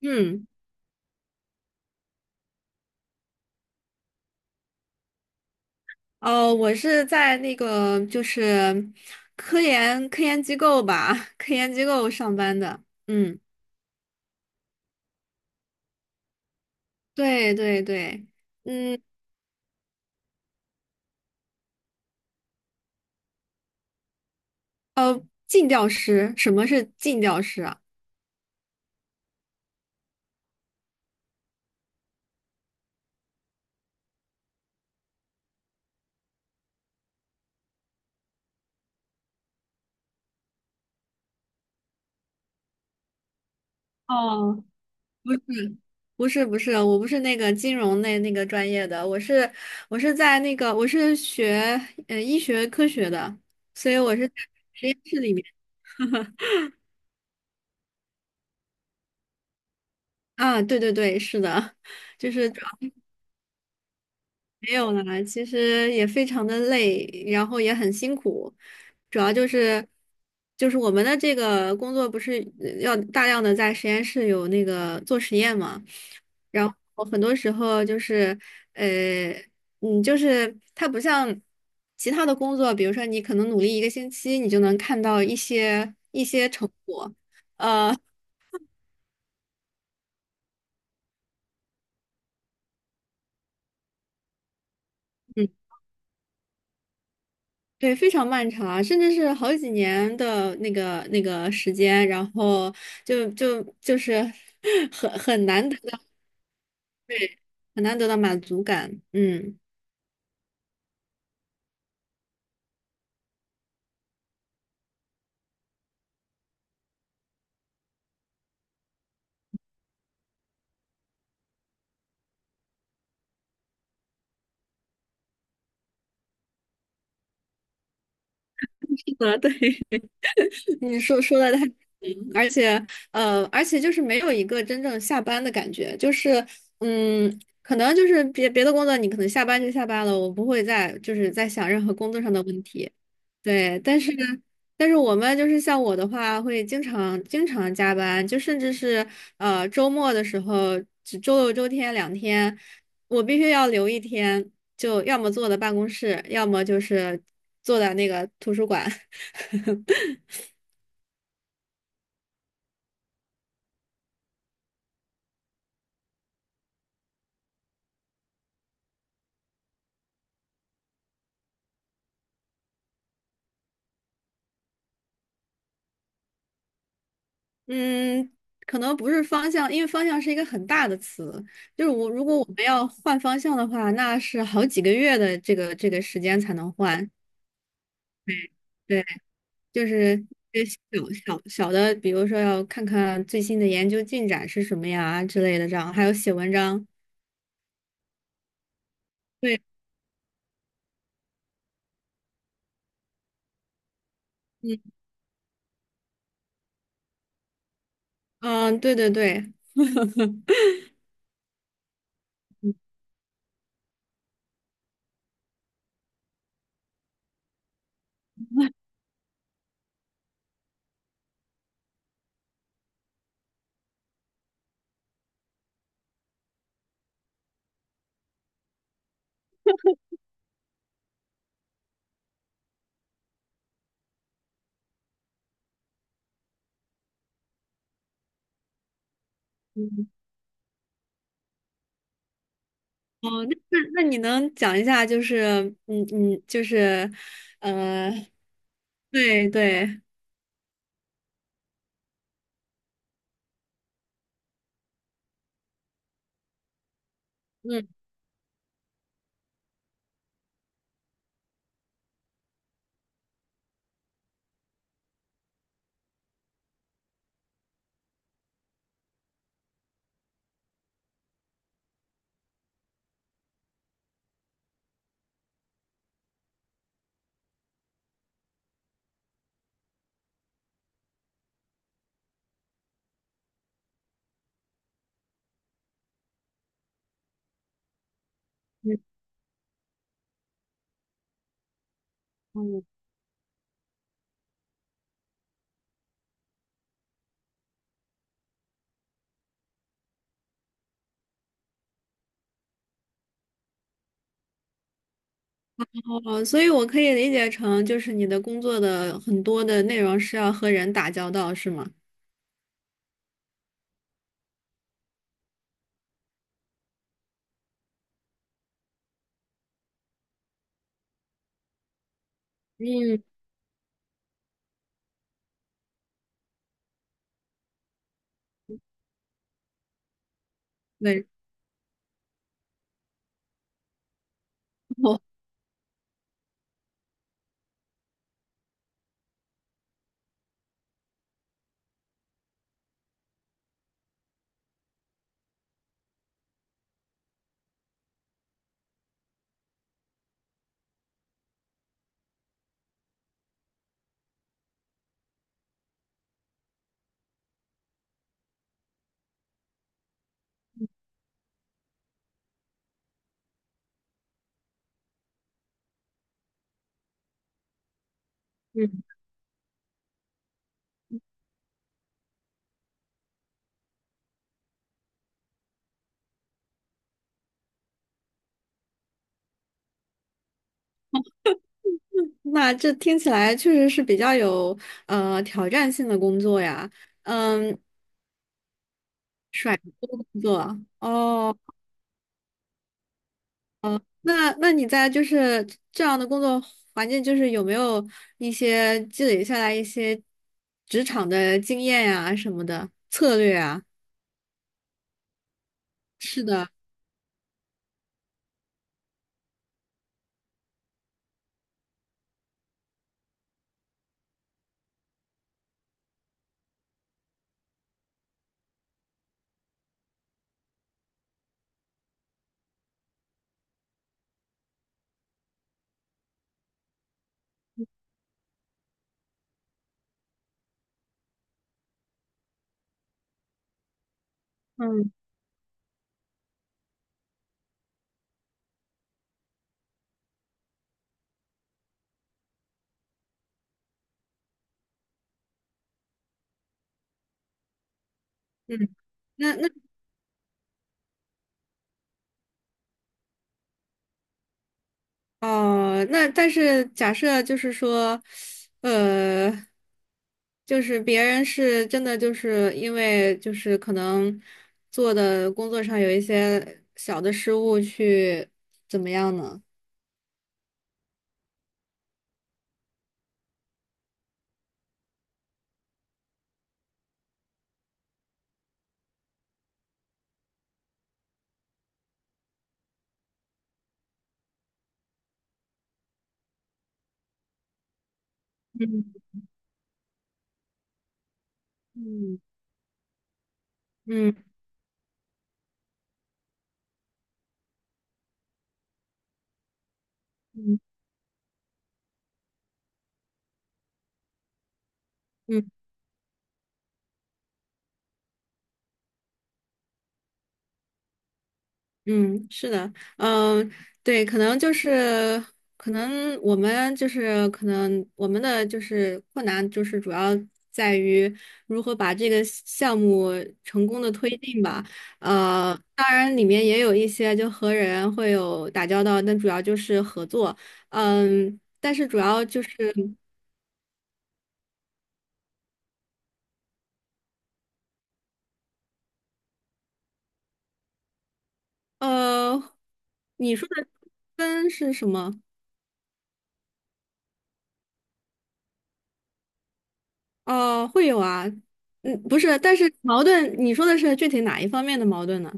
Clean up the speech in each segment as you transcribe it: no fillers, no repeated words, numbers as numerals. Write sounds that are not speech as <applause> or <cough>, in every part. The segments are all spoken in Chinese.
嗯。哦，我是在那个就是科研机构吧，<laughs> 科研机构上班的。嗯，对对对。嗯，呃，进调师，什么是进调师啊？哦，不，不是，我不是那个金融那个专业的，我是在那个我是学医学科学的，所以我是在实验室里面。啊，对对对，是的，<laughs> 就是。没有啦，其实也非常的累，然后也很辛苦。主要就是我们的这个工作不是要大量的在实验室有那个做实验嘛。然后很多时候就是呃就是它不像其他的工作，比如说你可能努力一个星期，你就能看到一些成果。呃。对，非常漫长啊，甚至是好几年的那个时间，然后就是 <laughs> 很难得到。对，很难得到满足感。嗯，是的，对。<laughs> 你说的太 <laughs> 嗯，而且就是没有一个真正下班的感觉。就是嗯，可能就是别的工作你可能下班就下班了，我不会再就是在想任何工作上的问题。对，但是我们就是像我的话，会经常加班，就甚至是周末的时候，只周六周天两天，我必须要留一天，就要么坐在办公室，要么就是坐在那个图书馆。嗯，可能不是方向，因为方向是一个很大的词。就是我，如果我们要换方向的话，那是好几个月的这个时间才能换。对，对，就是一些小小的，比如说要看看最新的研究进展是什么呀之类的，这样还有写文章。对。嗯嗯，对对对，<laughs> 嗯。哦，那你能讲一下，就是嗯嗯，就是呃，对对，嗯嗯嗯。哦，所以我可以理解成，就是你的工作的很多的内容是要和人打交道，是吗？嗯，对。哦，嗯，那这听起来确实是比较有挑战性的工作呀。嗯，工作哦，那你在就是这样的工作环境，就是有没有一些积累下来一些职场的经验呀什么的策略啊？是的，嗯嗯。那那哦，那但是假设就是说，呃，就是别人是真的就是因为就是可能做的工作上有一些小的失误去怎么样呢？嗯嗯。嗯嗯嗯。嗯，是的，嗯。对，可能就是，可能我们就是，可能我们的就是困难，就是主要在于如何把这个项目成功的推进吧。当然里面也有一些就和人会有打交道，但主要就是合作。嗯，但是主要就是，呃，你说的分是什么？哦，会有啊。嗯，不是，但是矛盾，你说的是具体哪一方面的矛盾呢？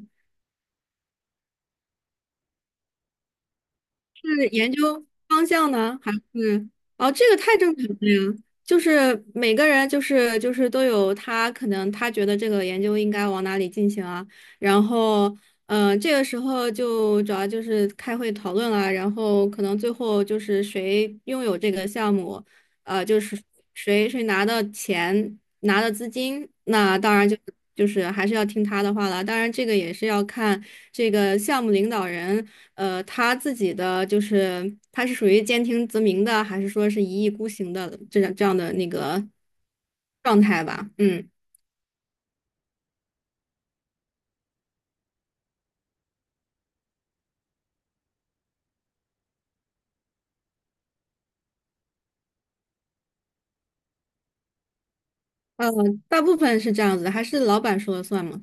是研究方向呢，还是？哦，这个太正常了呀，就是每个人就是都有他可能他觉得这个研究应该往哪里进行啊。然后这个时候就主要就是开会讨论了，然后可能最后就是谁拥有这个项目，就是谁拿到钱，拿的资金，那当然就还是要听他的话了。当然，这个也是要看这个项目领导人，他自己的就是他是属于兼听则明的，还是说是一意孤行的这样的那个状态吧？嗯，呃，大部分是这样子的还是老板说了算嘛？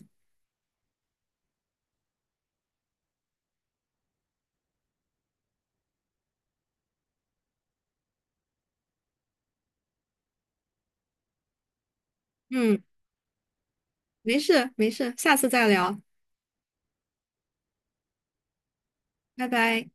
嗯，没事没事，下次再聊，拜拜。